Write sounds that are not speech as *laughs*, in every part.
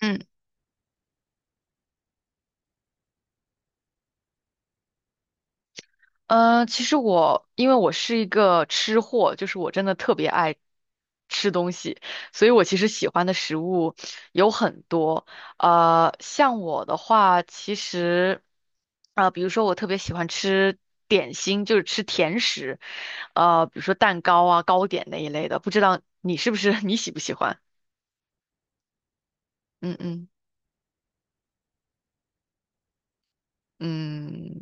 嗯，其实我因为是一个吃货，就是我真的特别爱吃东西，所以我其实喜欢的食物有很多。像我的话，比如说我特别喜欢吃点心，就是吃甜食，比如说蛋糕啊、糕点那一类的。不知道你是不是 *laughs* 你喜不喜欢？嗯嗯嗯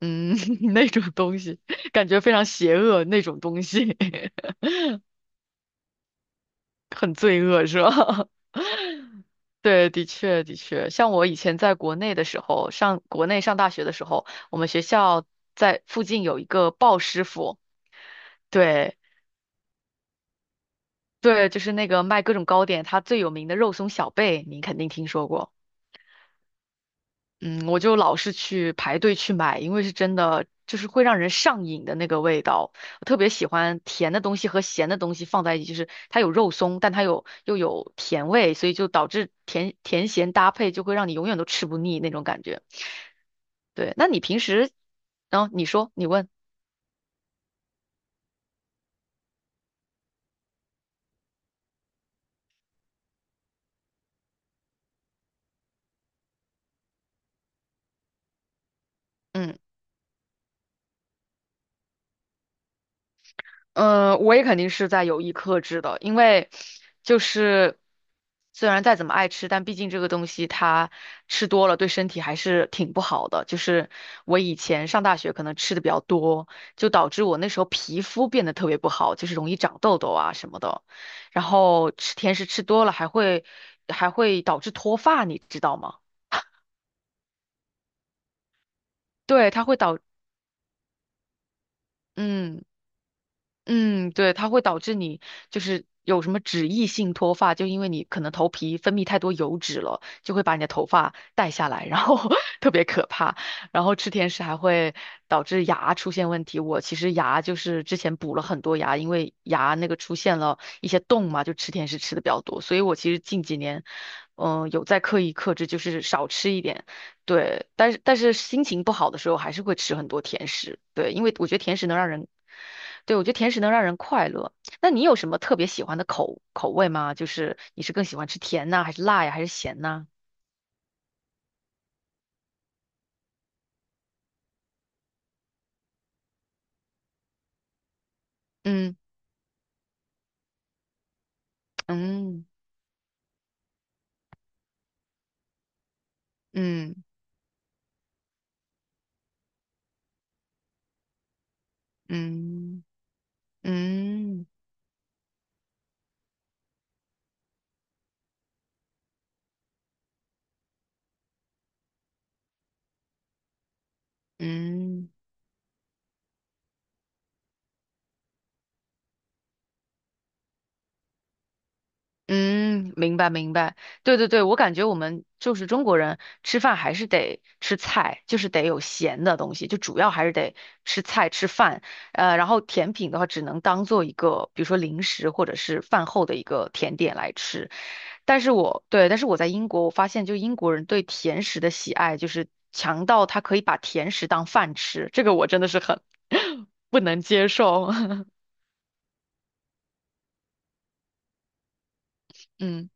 嗯，*laughs* 那种东西，感觉非常邪恶那种东西。*laughs* 很罪恶是吧？*laughs* 对，的确的确，像我以前在国内的时候，上国内上大学的时候，我们学校在附近有一个鲍师傅，对对，就是那个卖各种糕点，他最有名的肉松小贝，您肯定听说过。嗯，我就老是去排队去买，因为是真的，就是会让人上瘾的那个味道。我特别喜欢甜的东西和咸的东西放在一起，就是它有肉松，但它有又有甜味，所以就导致甜甜咸搭配就会让你永远都吃不腻那种感觉。对，那你平时，你说，你问，嗯。嗯，我也肯定是在有意克制的，因为就是虽然再怎么爱吃，但毕竟这个东西它吃多了对身体还是挺不好的。就是我以前上大学可能吃的比较多，就导致我那时候皮肤变得特别不好，就是容易长痘痘啊什么的。然后吃甜食吃多了还会导致脱发，你知道吗？对，它会导，嗯。嗯，对，它会导致你就是有什么脂溢性脱发，就因为你可能头皮分泌太多油脂了，就会把你的头发带下来，然后 *laughs* 特别可怕。然后吃甜食还会导致牙出现问题。我其实牙就是之前补了很多牙，因为牙那个出现了一些洞嘛，就吃甜食吃的比较多，所以我其实近几年，有在刻意克制，就是少吃一点。对，但是心情不好的时候还是会吃很多甜食，对，因为我觉得甜食能让人，对，我觉得甜食能让人快乐。那你有什么特别喜欢的口味吗？就是你是更喜欢吃甜呐，还是辣呀，还是咸呐？嗯嗯嗯嗯嗯嗯嗯。嗯，明白明白，对对对，我感觉我们就是中国人吃饭还是得吃菜，就是得有咸的东西，就主要还是得吃菜吃饭，然后甜品的话只能当做一个，比如说零食或者是饭后的一个甜点来吃。但是我在英国，我发现就英国人对甜食的喜爱就是强到他可以把甜食当饭吃，这个我真的是很 *laughs* 不能接受。*laughs* 嗯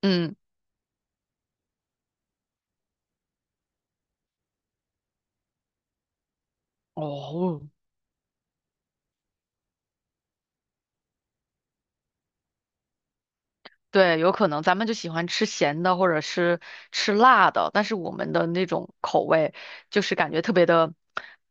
嗯，哦。对，有可能咱们就喜欢吃咸的或者是吃辣的，但是我们的那种口味就是感觉特别的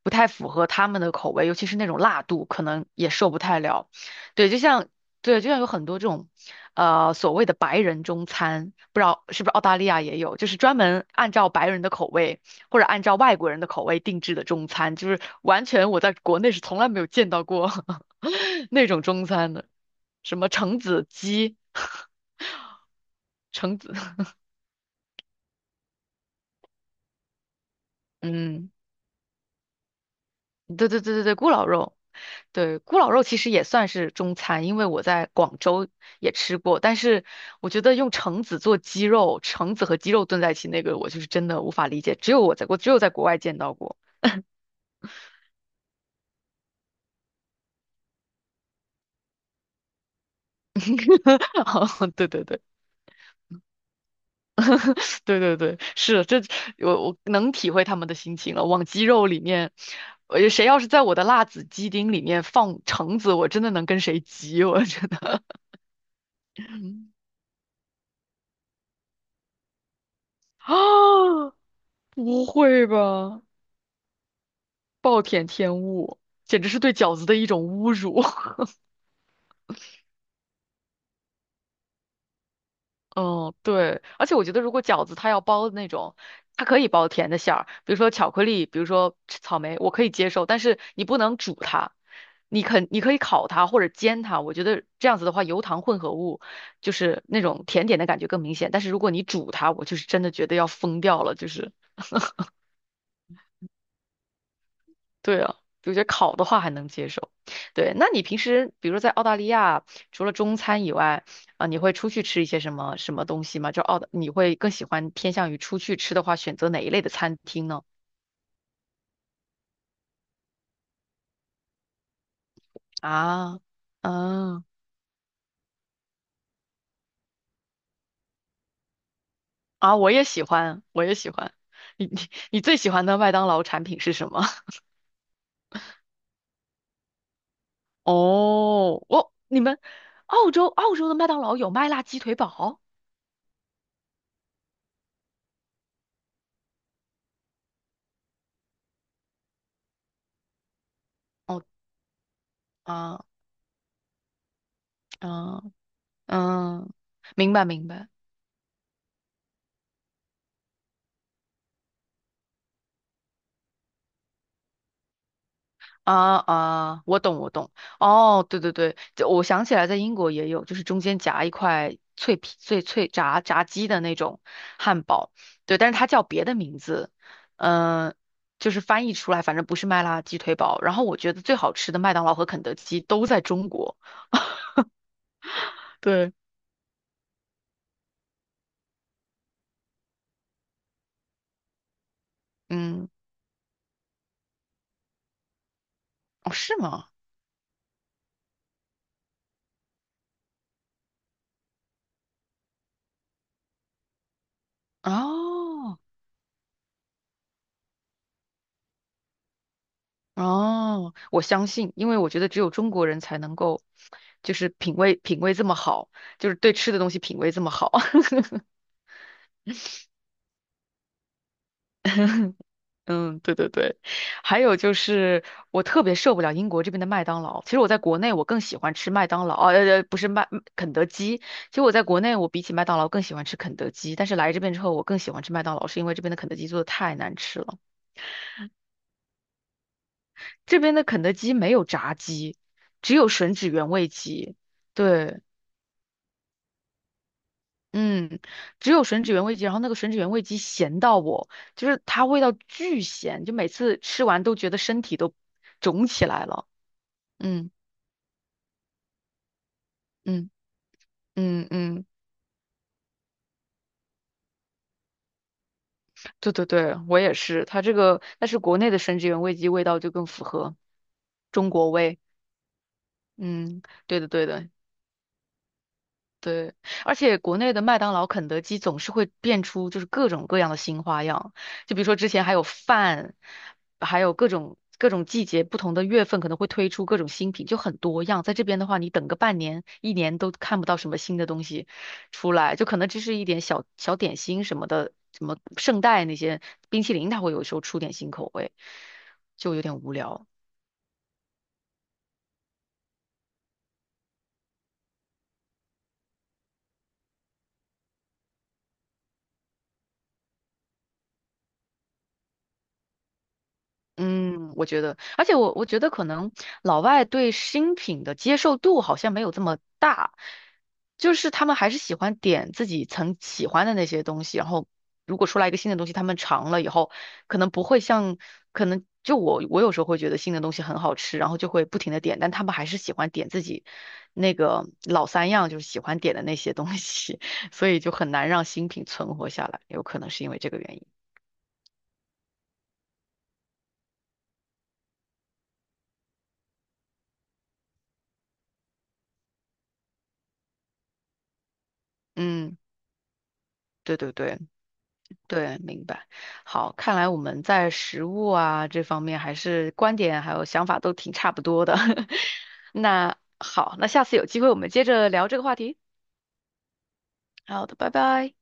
不太符合他们的口味，尤其是那种辣度，可能也受不太了。对，就像对，就像有很多这种所谓的白人中餐，不知道是不是澳大利亚也有，就是专门按照白人的口味或者按照外国人的口味定制的中餐，就是完全我在国内是从来没有见到过 *laughs* 那种中餐的，什么橙子鸡。橙子，*laughs* 嗯，对对对对对，咕老肉，对，咕老肉其实也算是中餐，因为我在广州也吃过，但是我觉得用橙子做鸡肉，橙子和鸡肉炖在一起，那个我就是真的无法理解，只有我在我只有在国外见到过。*laughs* 对对对对对对，是这我能体会他们的心情了。往鸡肉里面，谁要是在我的辣子鸡丁里面放橙子，我真的能跟谁急，我真的。*laughs* 啊，*gasps* 不会吧？暴殄天物，简直是对饺子的一种侮辱。*laughs* 嗯，对，而且我觉得如果饺子它要包那种，它可以包甜的馅儿，比如说巧克力，比如说草莓，我可以接受，但是你不能煮它，你可以烤它或者煎它，我觉得这样子的话，油糖混合物就是那种甜点的感觉更明显，但是如果你煮它，我就是真的觉得要疯掉了，就是。对啊，我觉得烤的话还能接受。对，那你平时比如说在澳大利亚，除了中餐以外，你会出去吃一些什么什么东西吗？就澳大，你会更喜欢偏向于出去吃的话，选择哪一类的餐厅呢？啊，嗯，啊，我也喜欢，我也喜欢。你你最喜欢的麦当劳产品是什么？*laughs* 哦，你们澳洲的麦当劳有麦辣鸡腿堡？哦啊，嗯嗯，明白明白。啊啊，我懂我懂，哦，对对对，这我想起来，在英国也有，就是中间夹一块脆皮炸鸡的那种汉堡，对，但是它叫别的名字，嗯、就是翻译出来，反正不是麦辣鸡腿堡。然后我觉得最好吃的麦当劳和肯德基都在中国，对，嗯，哦，是吗？哦哦，我相信，因为我觉得只有中国人才能够，就是品味这么好，就是对吃的东西品味这么好。*laughs* 嗯，对对对，还有就是我特别受不了英国这边的麦当劳。其实我在国内我更喜欢吃麦当劳，哦呃，呃不是麦肯德基。其实我在国内我比起麦当劳更喜欢吃肯德基，但是来这边之后我更喜欢吃麦当劳，是因为这边的肯德基做的太难吃了。这边的肯德基没有炸鸡，只有吮指原味鸡。对，嗯，只有吮指原味鸡，然后那个吮指原味鸡咸到我，就是它味道巨咸，就每次吃完都觉得身体都肿起来了。嗯嗯。嗯嗯，对对对，我也是。它这个，但是国内的生殖原味鸡味道就更符合中国味。嗯，对的对的，对，而且国内的麦当劳、肯德基总是会变出就是各种各样的新花样，就比如说之前还有饭，还有各种季节、不同的月份可能会推出各种新品，就很多样。在这边的话，你等个半年、一年都看不到什么新的东西出来，就可能只是一点小小点心什么的，什么圣代那些冰淇淋，它会有时候出点新口味，就有点无聊。嗯，我觉得，而且我觉得可能老外对新品的接受度好像没有这么大，就是他们还是喜欢点自己曾喜欢的那些东西，然后如果出来一个新的东西，他们尝了以后，可能不会像，可能就我有时候会觉得新的东西很好吃，然后就会不停的点，但他们还是喜欢点自己那个老三样，就是喜欢点的那些东西，*laughs* 所以就很难让新品存活下来，有可能是因为这个原因。嗯，对对对。对，明白。好，看来我们在食物啊这方面还是观点还有想法都挺差不多的。*laughs* 那好，那下次有机会我们接着聊这个话题。好的，拜拜。